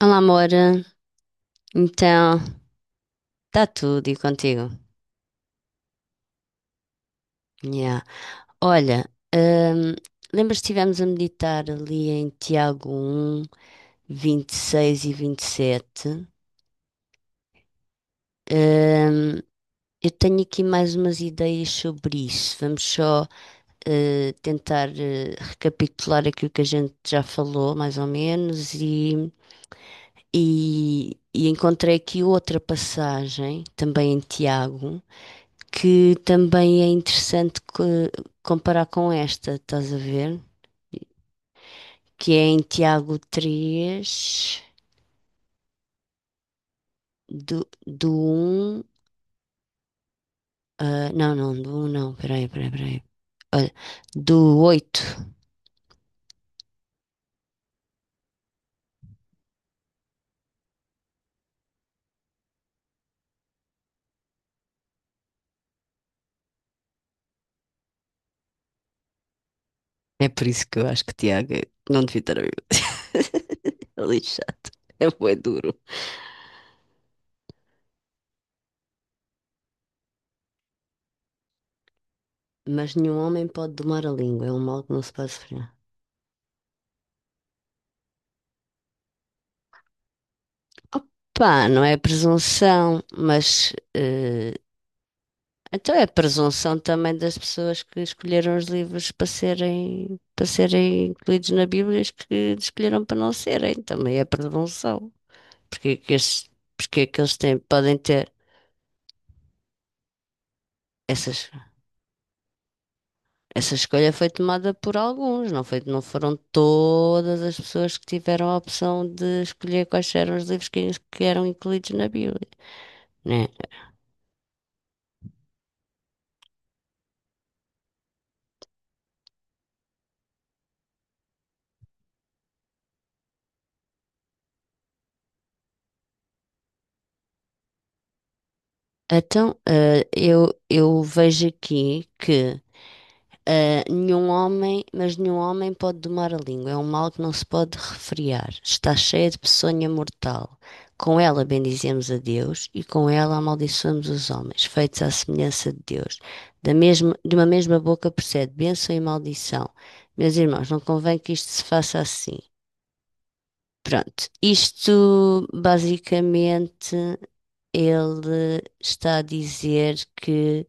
Olá, amor. Então, está tudo e contigo? Yeah. Olha, lembras que estivemos a meditar ali em Tiago um 20 e 27? Hum, eu tenho aqui mais umas ideias sobre isso. Vamos só tentar recapitular aquilo que a gente já falou, mais ou menos, e encontrei aqui outra passagem, também em Tiago, que também é interessante comparar com esta, estás a ver? Que é em Tiago 3 do 1. Ah, não, não, do um não, peraí, peraí, peraí. Olha, do 8. É por isso que eu acho que Tiago não devia estar a viver. É lixado. É bué duro. Mas nenhum homem pode domar a língua, é um mal que não se pode sofrer. Opa, não é presunção, mas então é a presunção também das pessoas que escolheram os livros para serem incluídos na Bíblia, os que escolheram para não serem, também é presunção. Porque é que esses, porque é que eles podem ter essas, essa escolha foi tomada por alguns, não foram todas as pessoas que tiveram a opção de escolher quais eram os livros que eram incluídos na Bíblia, né? Então, eu vejo aqui que mas nenhum homem pode domar a língua. É um mal que não se pode refrear. Está cheia de peçonha mortal. Com ela bendizemos a Deus e com ela amaldiçoamos os homens, feitos à semelhança de Deus. De uma mesma boca procede bênção e maldição. Meus irmãos, não convém que isto se faça assim. Pronto, isto basicamente ele está a dizer que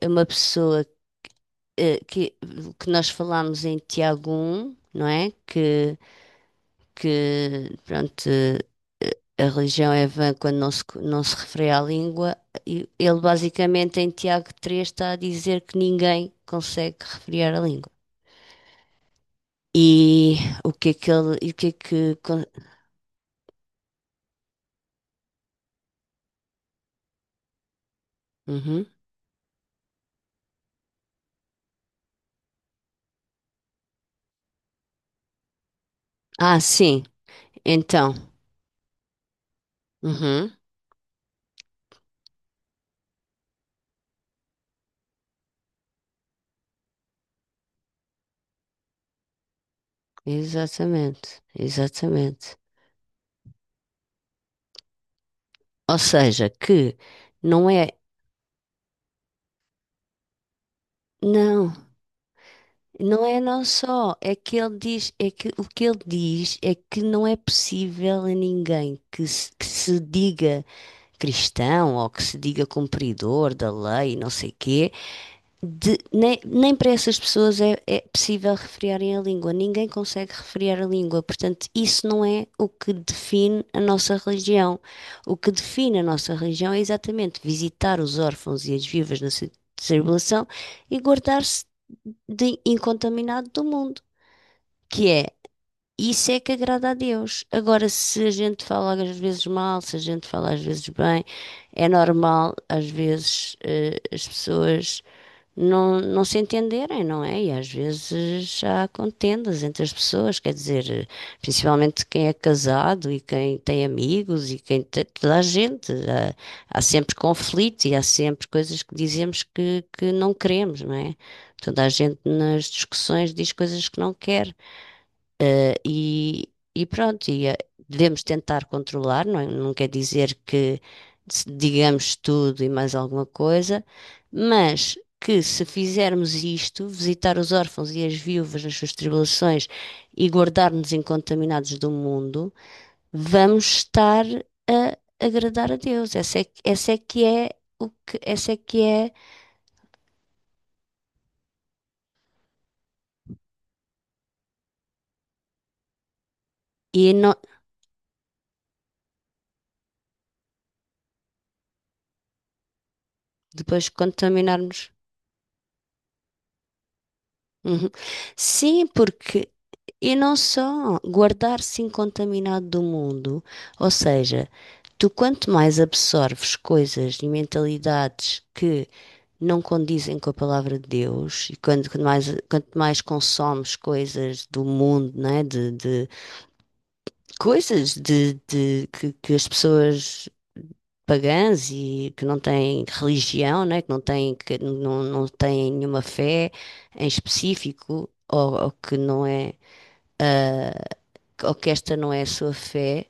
é uma pessoa eh, que, que nós falámos em Tiago um, não é? Que pronto, a religião é vã quando não se refere à língua. E ele basicamente em Tiago 3 está a dizer que ninguém consegue referir à língua. E o que é que ele, e o que é que... con- Uhum. Ah, sim, então. Uhum. Exatamente, exatamente. Ou seja, que não é. Não. Não é não só, é que o que ele diz é que não é possível a ninguém que se diga cristão ou que se diga cumpridor da lei, não sei quê, nem para essas pessoas é possível refrearem a língua. Ninguém consegue refrear a língua. Portanto, isso não é o que define a nossa religião. O que define a nossa religião é exatamente visitar os órfãos e as viúvas na sua tribulação e guardar-se de incontaminado do mundo, que é isso é que agrada a Deus. Agora, se a gente fala às vezes mal, se a gente fala às vezes bem, é normal, às vezes as pessoas não se entenderem, não é? E às vezes há contendas entre as pessoas, quer dizer, principalmente quem é casado e quem tem amigos e quem tem toda a gente. Há sempre conflito e há sempre coisas que dizemos que não queremos, não é? Toda a gente nas discussões diz coisas que não quer. E, e pronto, devemos tentar controlar, não, é? Não quer dizer que se digamos tudo e mais alguma coisa, mas que se fizermos isto, visitar os órfãos e as viúvas nas suas tribulações e guardar-nos incontaminados do mundo, vamos estar a agradar a Deus. Essa é que é o que, essa é que é, e não, depois contaminarmos. Uhum. Sim, porque. E não só, guardar-se incontaminado do mundo, ou seja, tu quanto mais absorves coisas e mentalidades que não condizem com a palavra de Deus, e quanto mais consomes coisas do mundo, né, de coisas que as pessoas pagãs e que não têm religião, né, que não têm nenhuma fé em específico, ou que não é, ou que esta não é a sua fé,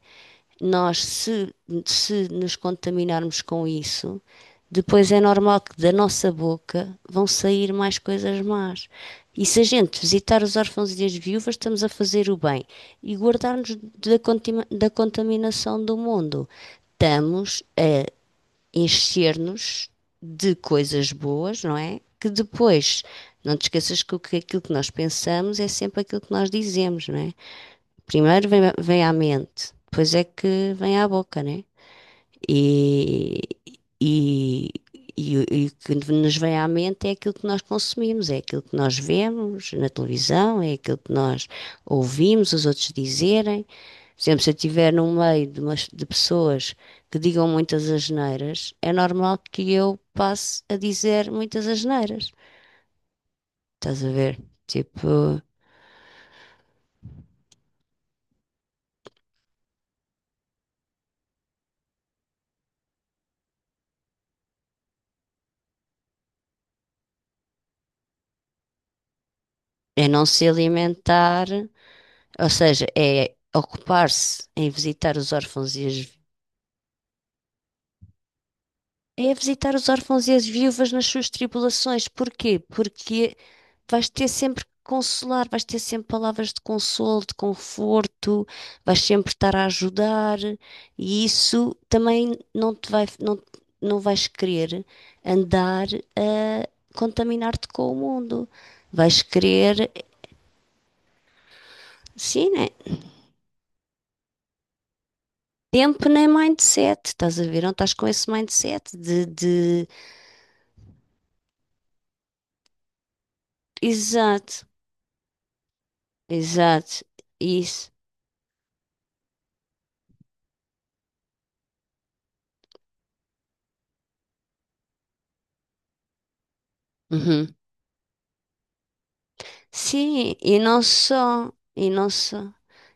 nós, se nos contaminarmos com isso, depois é normal que da nossa boca vão sair mais coisas más. E se a gente visitar os órfãos e as viúvas, estamos a fazer o bem. E guardar-nos da contaminação do mundo, estamos a encher-nos de coisas boas, não é? Que depois, não te esqueças aquilo que nós pensamos é sempre aquilo que nós dizemos, não é? Primeiro vem à mente, depois é que vem à boca, não é? E, e, e o que nos vem à mente é aquilo que nós consumimos, é aquilo que nós vemos na televisão, é aquilo que nós ouvimos os outros dizerem. Por exemplo, se eu estiver no meio de pessoas que digam muitas asneiras, é normal que eu passe a dizer muitas asneiras. Estás a ver? Tipo, é não se alimentar, ou seja, é ocupar-se em visitar os órfãos e as É a visitar os órfãos e as viúvas nas suas tribulações. Porquê? Porque vais ter sempre que consolar, vais ter sempre palavras de consolo, de conforto, vais sempre estar a ajudar, e isso também não vais querer andar a contaminar-te com o mundo. Vais querer, sim, né? Tempo nem mindset, estás a ver? Não estás com esse mindset. Exato, exato, isso. Uhum. Sim, e não só, e não só.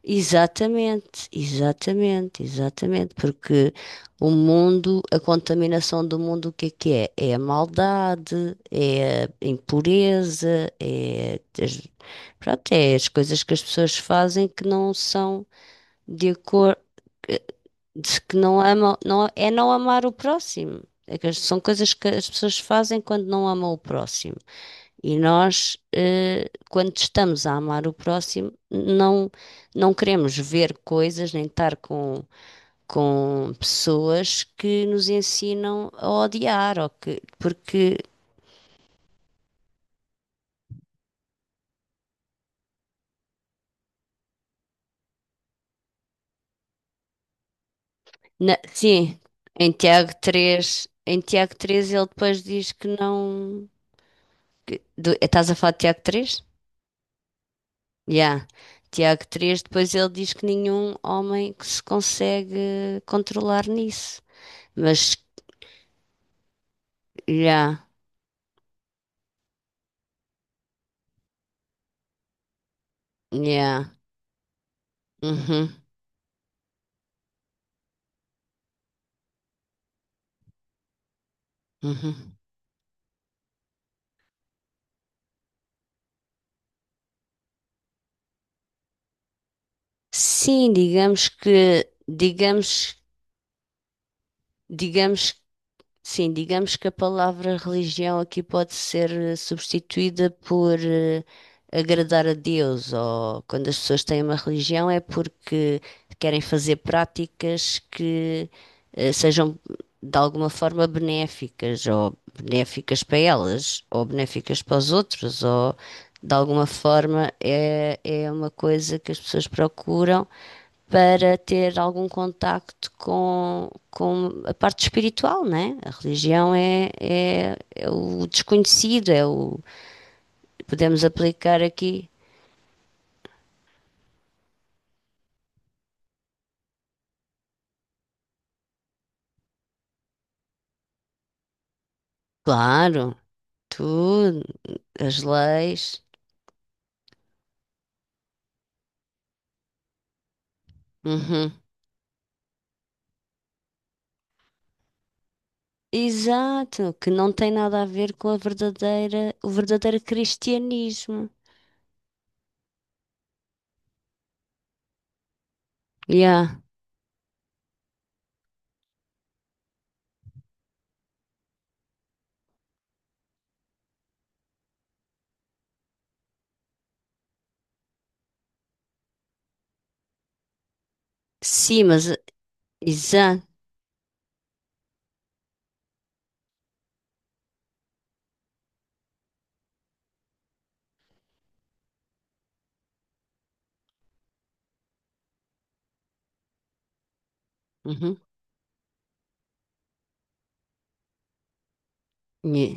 Exatamente, exatamente, exatamente, porque o mundo, a contaminação do mundo, o que é que é? É a maldade, é a impureza, é, as- pronto, é as coisas que as pessoas fazem que não são de acordo, que não amam, não, é não amar o próximo. É que são coisas que as pessoas fazem quando não amam o próximo. E nós, quando estamos a amar o próximo, não queremos ver coisas nem estar com, pessoas que nos ensinam a odiar, ou que, porque, sim, em Tiago três ele depois diz que não. Estás a falar de Tiago três. Já. Tiago 3 depois ele diz que nenhum homem que se consegue controlar nisso. Mas, já, já. Uhum. Uhum. Sim, digamos que, digamos, digamos, sim, digamos que a palavra religião aqui pode ser substituída por agradar a Deus, ou quando as pessoas têm uma religião é porque querem fazer práticas que sejam de alguma forma benéficas, ou benéficas para elas, ou benéficas para os outros, ou de alguma forma é uma coisa que as pessoas procuram para ter algum contacto com a parte espiritual, né? A religião é o desconhecido, é o podemos aplicar aqui, claro, tudo, as leis, uhum. Exato, que não tem nada a ver com o verdadeiro cristianismo. Yeah. Sim, mas exato. Uhum. Yeah.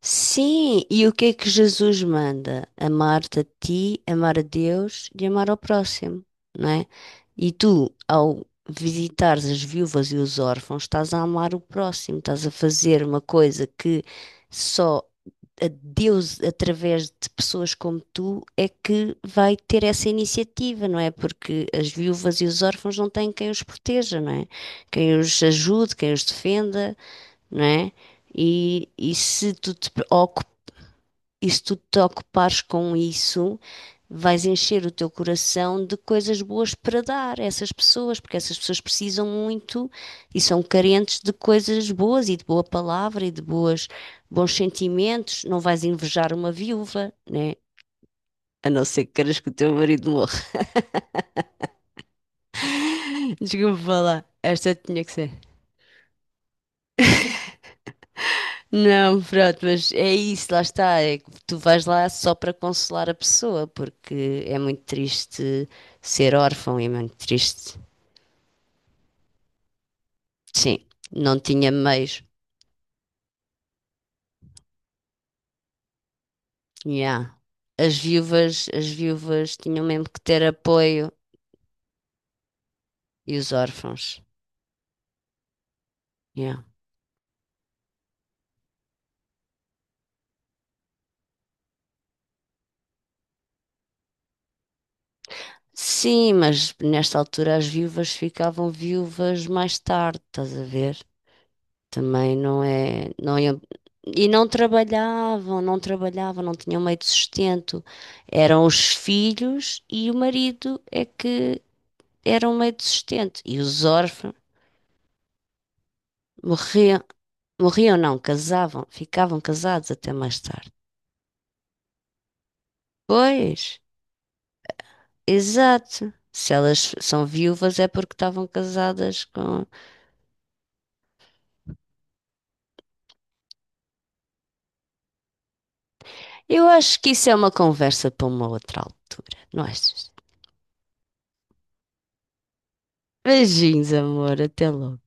Sim, e o que é que Jesus manda? Amar-te a ti, amar a Deus e amar ao próximo, não é? E tu, ao visitares as viúvas e os órfãos, estás a amar o próximo, estás a fazer uma coisa que só a Deus, através de pessoas como tu, é que vai ter essa iniciativa, não é? Porque as viúvas e os órfãos não têm quem os proteja, não é? Quem os ajude, quem os defenda, não é? E, e se tu te pre- e se tu te ocupares com isso, vais encher o teu coração de coisas boas para dar a essas pessoas, porque essas pessoas precisam muito e são carentes de coisas boas e de boa palavra e de bons sentimentos. Não vais invejar uma viúva, né? A não ser que queiras que o teu marido morra. Desculpa falar. Esta tinha que ser. Não, pronto, mas é isso, lá está. É que tu vais lá só para consolar a pessoa, porque é muito triste ser órfão, é muito triste. Sim, não tinha meios. Yeah. As viúvas tinham mesmo que ter apoio e os órfãos. Yeah. Sim, mas nesta altura as viúvas ficavam viúvas mais tarde, estás a ver? Também não é, não trabalhavam, não tinham meio de sustento. Eram os filhos e o marido é que eram meio de sustento e os órfãos morriam. Morriam, não, casavam, ficavam casados até mais tarde. Pois, exato. Se elas são viúvas é porque estavam casadas com. Eu acho que isso é uma conversa para uma outra altura, não achas? Beijinhos, amor, até logo.